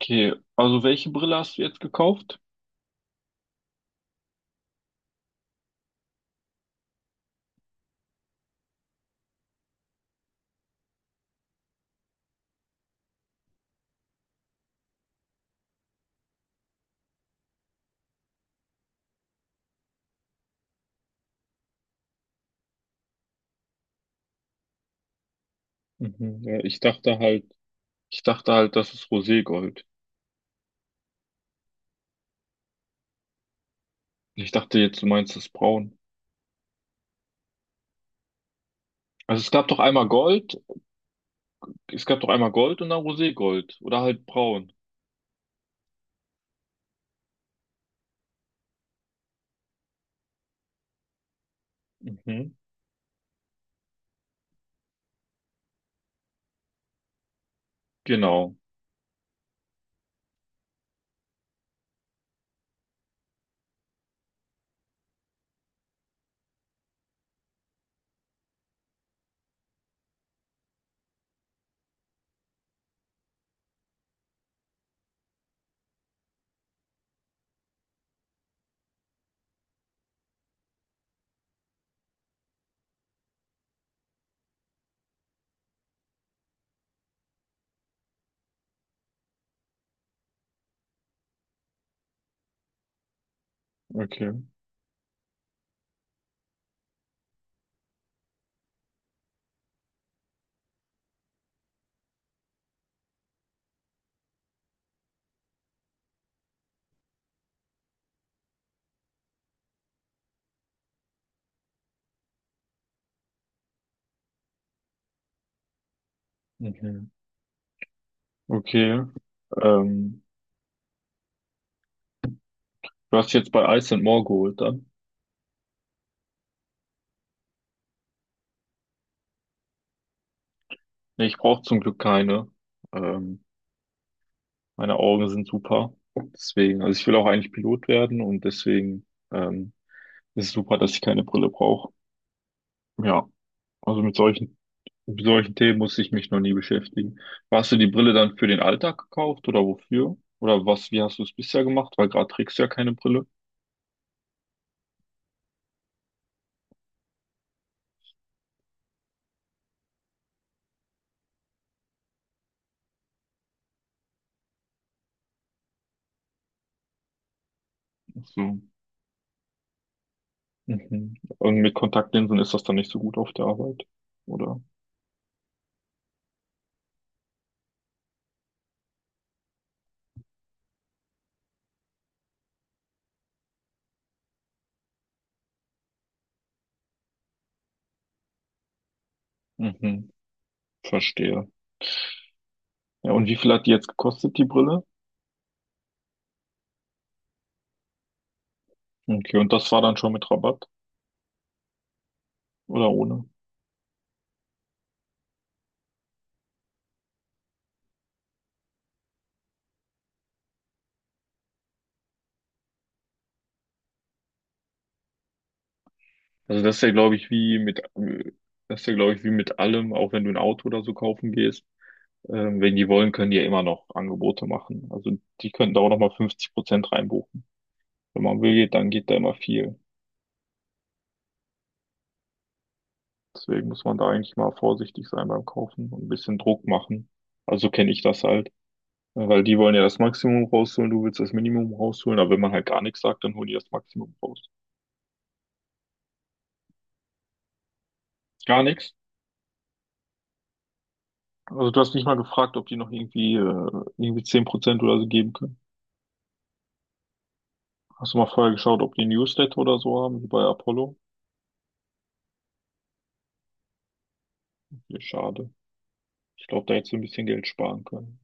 Okay, also welche Brille hast du jetzt gekauft? Mhm, ja, ich dachte halt, das ist Roségold. Ich dachte jetzt, du meinst das Braun. Also es gab doch einmal Gold, es gab doch einmal Gold und dann Roségold oder halt Braun. Mhm, genau. Okay. Mhm. Okay. Ähm, du hast jetzt bei Ice and More geholt dann? Nee, ich brauche zum Glück keine. Ähm, meine Augen sind super. Deswegen, also ich will auch eigentlich Pilot werden und deswegen ähm, ist es super, dass ich keine Brille brauche. Ja. Also mit solchen, mit solchen Themen musste ich mich noch nie beschäftigen. Hast du die Brille dann für den Alltag gekauft oder wofür? Oder was, wie hast du es bisher gemacht? Weil gerade trägst du ja keine Brille. Ach so. Mhm. Und mit Kontaktlinsen ist das dann nicht so gut auf der Arbeit, oder? Mhm. Verstehe. Ja, und wie viel hat die jetzt gekostet, die Brille? Okay, und das war dann schon mit Rabatt oder ohne? Also das ist ja, glaube ich, wie mit, das ist ja, glaube ich, wie mit allem, auch wenn du ein Auto oder so kaufen gehst. Wenn die wollen, können die ja immer noch Angebote machen. Also die könnten da auch nochmal 50% reinbuchen. Wenn man will, dann geht da immer viel. Deswegen muss man da eigentlich mal vorsichtig sein beim Kaufen und ein bisschen Druck machen. Also kenne ich das halt. Ja, weil die wollen ja das Maximum rausholen, du willst das Minimum rausholen, aber wenn man halt gar nichts sagt, dann holen die das Maximum raus. Gar nichts. Also du hast nicht mal gefragt, ob die noch irgendwie, irgendwie 10% oder so geben können. Hast du mal vorher geschaut, ob die Newsletter oder so haben, wie bei Apollo? Ja, schade. Ich glaube, da hättest du ein bisschen Geld sparen können.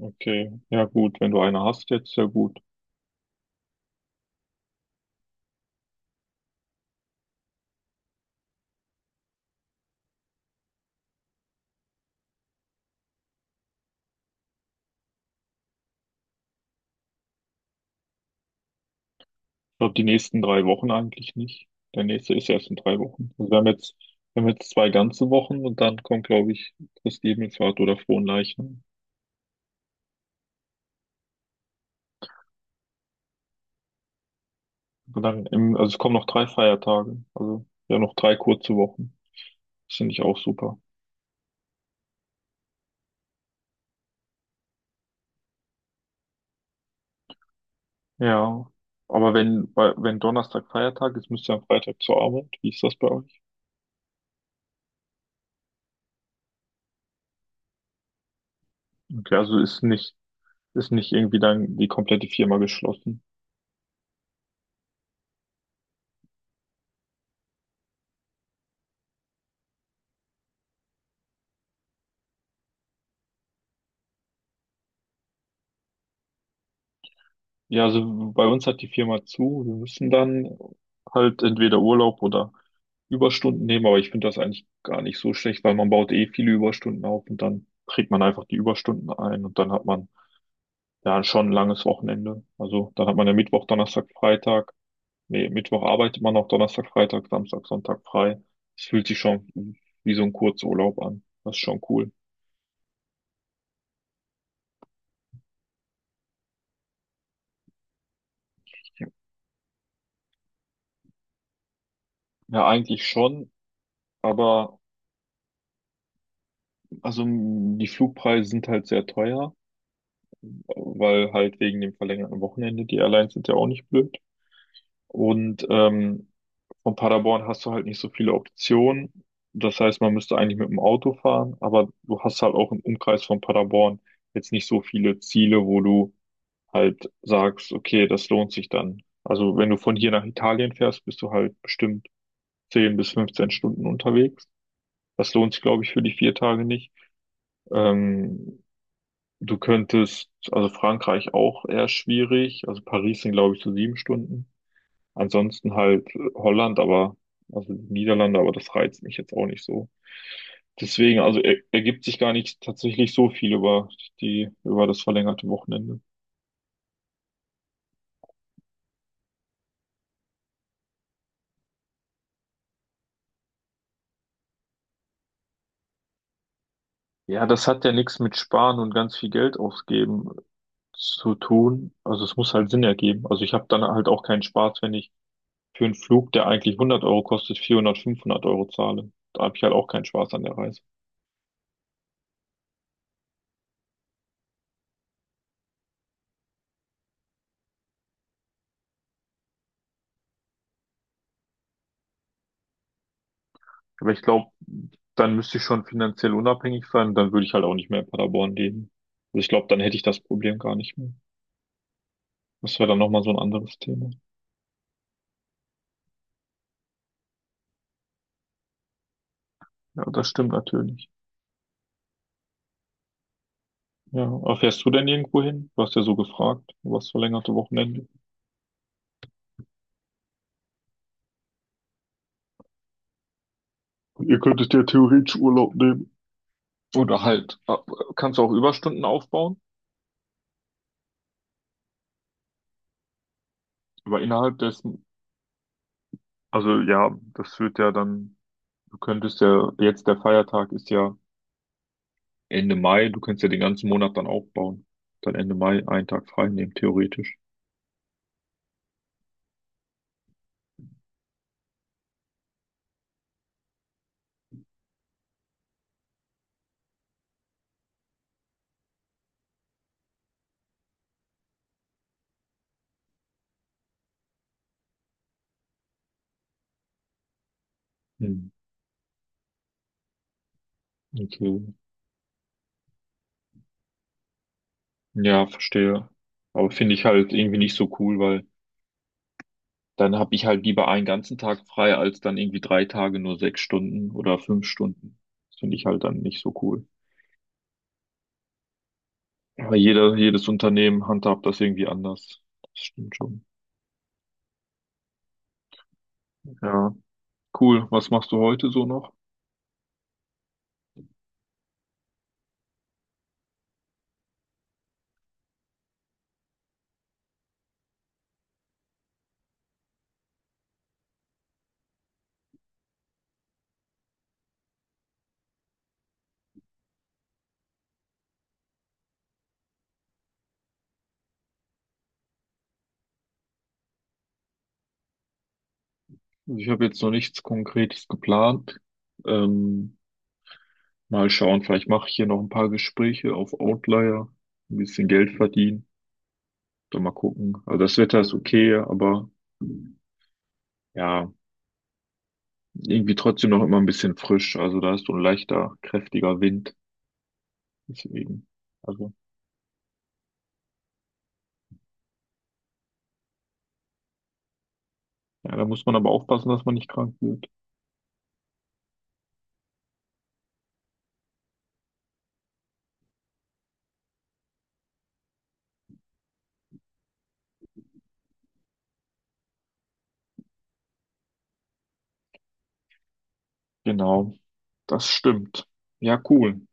Okay, ja gut, wenn du eine hast jetzt, sehr gut. Ich glaube, die nächsten drei Wochen eigentlich nicht. Der nächste ist erst in drei Wochen. Wir haben jetzt zwei ganze Wochen und dann kommt, glaube ich, Christi Himmelfahrt oder Fronleichnam. Und dann im, also es kommen noch drei Feiertage. Also ja, noch drei kurze Wochen. Das finde ich auch super. Ja. Aber wenn, wenn Donnerstag Feiertag ist, müsst ihr am Freitag zur Arbeit. Wie ist das bei euch? Okay, ist nicht irgendwie dann die komplette Firma geschlossen. Ja, also bei uns hat die Firma zu. Wir müssen dann halt entweder Urlaub oder Überstunden nehmen, aber ich finde das eigentlich gar nicht so schlecht, weil man baut eh viele Überstunden auf und dann trägt man einfach die Überstunden ein und dann hat man ja schon ein langes Wochenende. Also dann hat man ja Mittwoch, Donnerstag, Freitag. Nee, Mittwoch arbeitet man noch, Donnerstag, Freitag, Samstag, Sonntag frei. Es fühlt sich schon wie so ein Kurzurlaub an. Das ist schon cool. Ja, eigentlich schon, aber die Flugpreise sind halt sehr teuer. Weil halt wegen dem verlängerten Wochenende die Airlines sind ja auch nicht blöd. Und von Paderborn hast du halt nicht so viele Optionen. Das heißt, man müsste eigentlich mit dem Auto fahren, aber du hast halt auch im Umkreis von Paderborn jetzt nicht so viele Ziele, wo du halt sagst, okay, das lohnt sich dann. Also wenn du von hier nach Italien fährst, bist du halt bestimmt 10 bis 15 Stunden unterwegs. Das lohnt sich, glaube ich, für die 4 Tage nicht. Ähm, Du könntest, also Frankreich auch eher schwierig, also Paris sind glaube ich so 7 Stunden. Ansonsten halt Holland, aber, also die Niederlande, aber das reizt mich jetzt auch nicht so. Deswegen, ergibt sich gar nicht tatsächlich so viel über die, über das verlängerte Wochenende. Ja, das hat ja nichts mit Sparen und ganz viel Geld ausgeben zu tun. Also es muss halt Sinn ergeben. Also ich habe dann halt auch keinen Spaß, wenn ich für einen Flug, der eigentlich 100 Euro kostet, 400 500 Euro zahle. Da habe ich halt auch keinen Spaß an der Reise. Aber ich glaube, dann müsste ich schon finanziell unabhängig sein, dann würde ich halt auch nicht mehr in Paderborn leben. Also ich glaube, dann hätte ich das Problem gar nicht mehr. Das wäre dann nochmal so ein anderes Thema. Ja, das stimmt natürlich. Ja, aber fährst du denn irgendwo hin? Du hast ja so gefragt, du hast verlängerte Wochenende. Ihr könntet ja theoretisch Urlaub nehmen. Oder halt, kannst du auch Überstunden aufbauen, aber innerhalb dessen, also ja, das wird ja dann, du könntest ja, jetzt der Feiertag ist ja Ende Mai, du kannst ja den ganzen Monat dann aufbauen. Dann Ende Mai einen Tag frei nehmen, theoretisch. Hm, okay. Ja, verstehe. Aber finde ich halt irgendwie nicht so cool, weil dann habe ich halt lieber einen ganzen Tag frei, als dann irgendwie drei Tage nur 6 Stunden oder 5 Stunden. Das finde ich halt dann nicht so cool. Aber jeder, jedes Unternehmen handhabt das irgendwie anders. Das stimmt schon. Ja, cool. Was machst du heute so noch? Also ich habe jetzt noch nichts Konkretes geplant. Ähm, Mal schauen, vielleicht mache ich hier noch ein paar Gespräche auf Outlier, ein bisschen Geld verdienen, dann mal gucken. Also das Wetter ist okay, aber ja, irgendwie trotzdem noch immer ein bisschen frisch. Also da ist so ein leichter, kräftiger Wind. Deswegen, also ja, da muss man aber aufpassen, dass man nicht krank wird. Genau, das stimmt. Ja, cool.